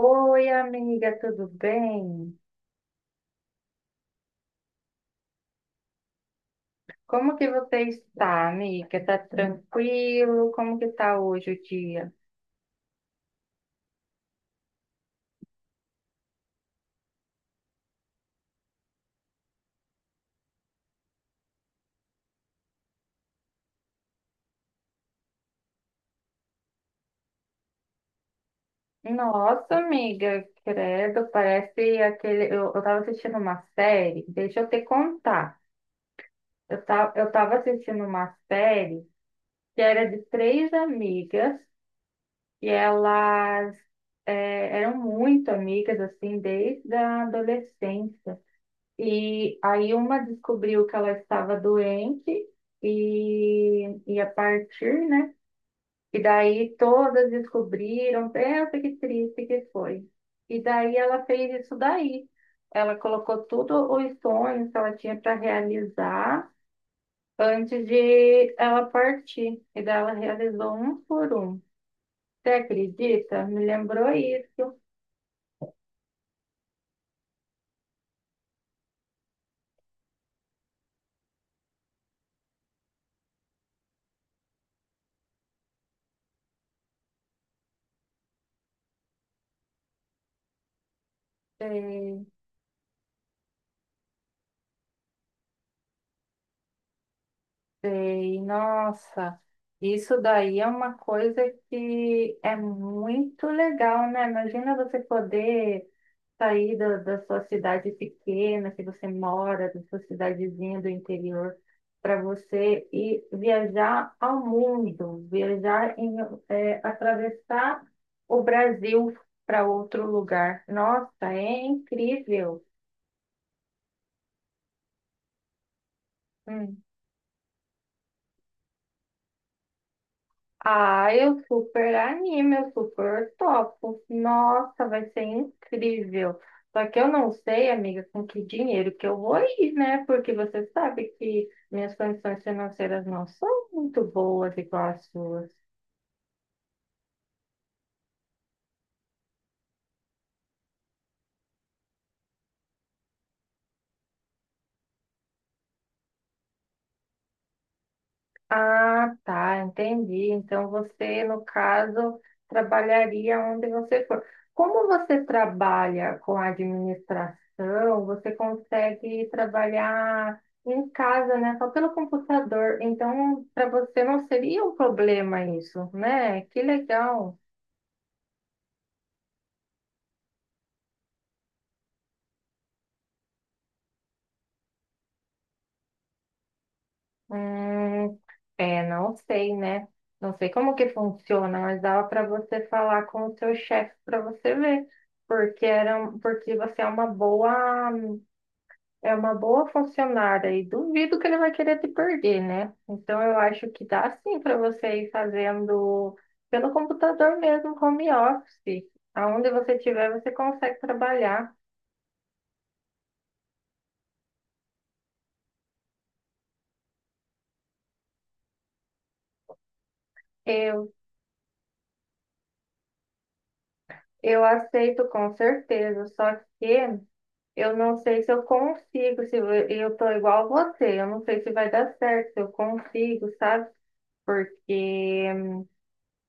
Oi, amiga, tudo bem? Como que você está, amiga? Tá tranquilo? Como que tá hoje o dia? Nossa, amiga, credo, parece aquele. Eu tava assistindo uma série, deixa eu te contar. Eu tava assistindo uma série que era de três amigas e elas eram muito amigas, assim, desde a adolescência. E aí uma descobriu que ela estava doente e a partir, né? E daí todas descobriram, pensa que triste que foi. E daí ela fez isso daí. Ela colocou tudo os sonhos que ela tinha para realizar antes de ela partir. E daí ela realizou um por um. Você acredita? Me lembrou isso. É. Sei, nossa, isso daí é uma coisa que é muito legal, né? Imagina você poder sair da sua cidade pequena, que você mora, da sua cidadezinha do interior, para você ir viajar ao mundo, viajar em, é, atravessar o Brasil para outro lugar. Nossa, é incrível. Hum. Ah, eu super animo, eu super topo. Nossa, vai ser incrível. Só que eu não sei, amiga, com que dinheiro que eu vou ir, né? Porque você sabe que minhas condições financeiras não são muito boas igual as suas. Ah, tá, entendi. Então você, no caso, trabalharia onde você for. Como você trabalha com a administração, você consegue trabalhar em casa, né? Só pelo computador. Então, para você não seria um problema isso, né? Que legal. Hum, é, não sei, né? Não sei como que funciona, mas dava para você falar com o seu chefe para você ver porque porque você é uma boa. É uma boa funcionária e duvido que ele vai querer te perder, né? Então eu acho que dá sim para você ir fazendo pelo computador mesmo, home office. Aonde você estiver, você consegue trabalhar. Eu, eu aceito com certeza, só que eu não sei se eu consigo, se eu tô igual você, eu não sei se vai dar certo, se eu consigo, sabe? Porque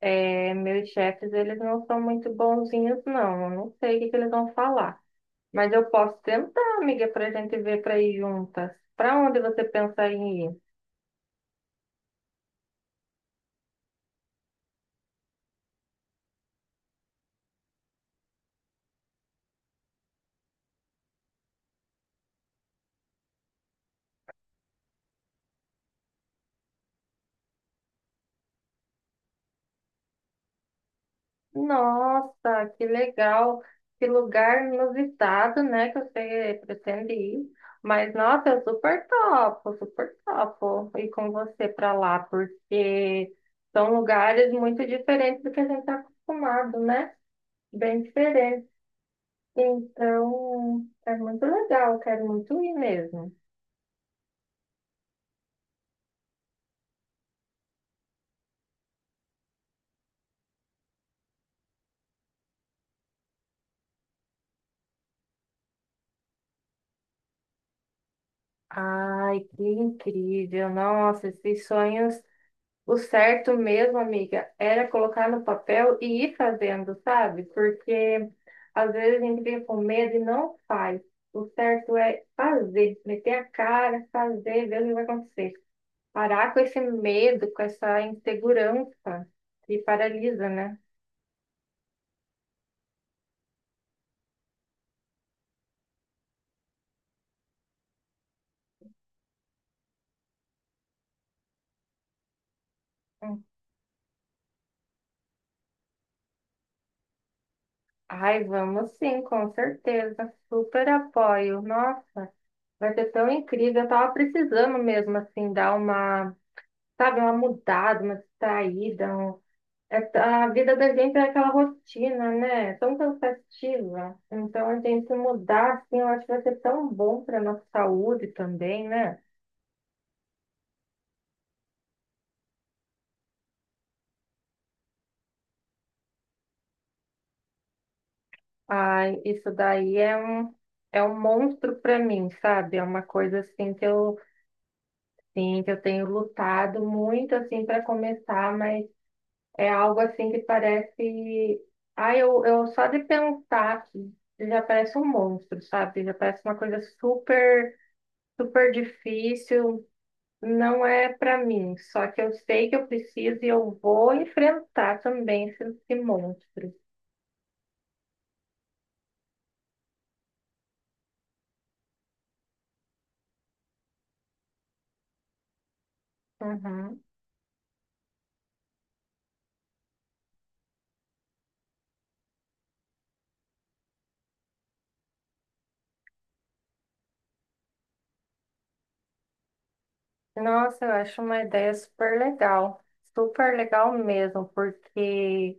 é, meus chefes, eles não são muito bonzinhos, não. Eu não sei o que que eles vão falar. Mas eu posso tentar, amiga, para a gente ver para ir juntas. Para onde você pensa em ir? Nossa, que legal! Que lugar inusitado, né? Que você pretende ir. Mas, nossa, eu super topo ir com você para lá, porque são lugares muito diferentes do que a gente está acostumado, né? Bem diferentes. Então, é muito legal, eu quero muito ir mesmo. Ai, que incrível! Nossa, esses sonhos. O certo mesmo, amiga, era colocar no papel e ir fazendo, sabe? Porque às vezes a gente fica com medo e não faz. O certo é fazer, meter a cara, fazer, ver o que vai acontecer. Parar com esse medo, com essa insegurança que paralisa, né? Hum. Ai, vamos sim, com certeza. Super apoio. Nossa, vai ser tão incrível. Eu tava precisando mesmo, assim, dar uma, sabe, uma mudada, uma distraída, um. É- A vida da gente é aquela rotina, né? É tão cansativa. Então, a gente mudar, assim, eu acho que vai ser tão bom para nossa saúde também, né? Ai, isso daí é um monstro para mim, sabe? É uma coisa, assim, que eu, sim, que eu tenho lutado muito, assim, para começar, mas é algo, assim, que parece... Ai, eu só de pensar que já parece um monstro, sabe? Já parece uma coisa super, super difícil. Não é para mim, só que eu sei que eu preciso e eu vou enfrentar também esse monstro. Uhum. Nossa, eu acho uma ideia super legal. Super legal mesmo, porque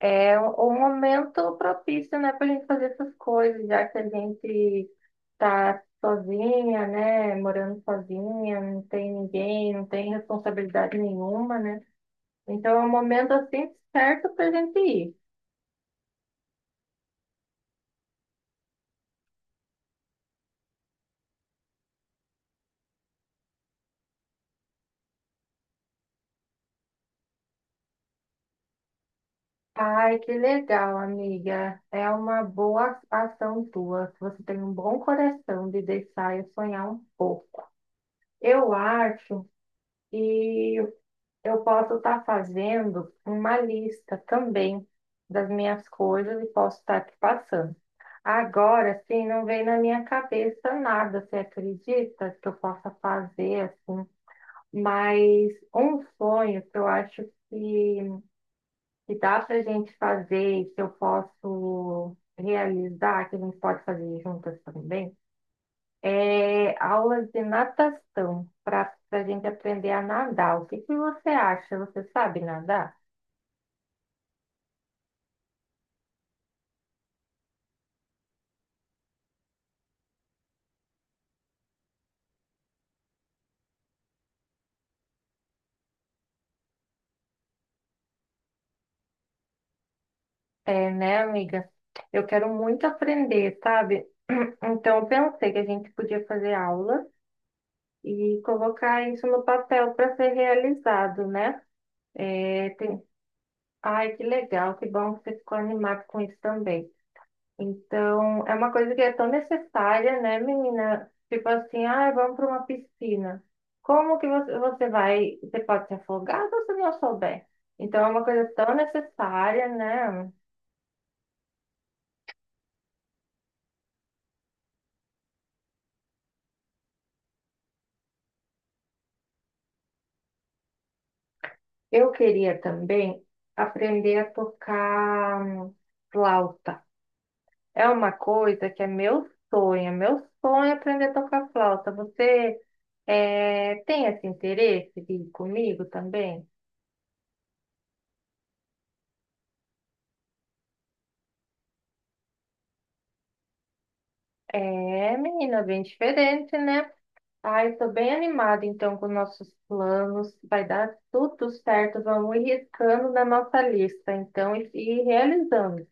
é um momento propício, né, para a gente fazer essas coisas, já que a gente tá sozinha, né, morando sozinha, não tem ninguém, não tem responsabilidade nenhuma, né? Então é um momento assim certo para a gente ir. Ai, que legal, amiga. É uma boa ação tua. Você tem um bom coração de deixar eu sonhar um pouco. Eu acho que eu posso estar fazendo uma lista também das minhas coisas e posso estar te passando. Agora, assim, não vem na minha cabeça nada, você acredita que eu possa fazer, assim? Mas um sonho que eu acho que que dá para a gente fazer, e que eu posso realizar, que a gente pode fazer juntas também, é aulas de natação, para a gente aprender a nadar. O que que você acha? Você sabe nadar? É, né, amiga? Eu quero muito aprender, sabe? Então, eu pensei que a gente podia fazer aula e colocar isso no papel para ser realizado, né? É, tem... Ai, que legal, que bom que você ficou animado com isso também. Então, é uma coisa que é tão necessária, né, menina? Tipo assim, ah, vamos para uma piscina. Como que você, você vai? Você pode se afogar se você não souber. Então, é uma coisa tão necessária, né? Eu queria também aprender a tocar flauta. É uma coisa que é meu sonho. É Meu sonho é aprender a tocar flauta. Você tem esse interesse de ir comigo também? É, menina, bem diferente, né? Ai, estou bem animada então com nossos planos. Vai dar tudo certo. Vamos ir riscando na nossa lista, então, e realizando.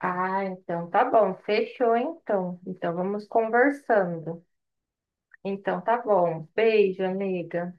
Ah, então tá bom. Fechou então. Então vamos conversando. Então tá bom. Beijo, amiga.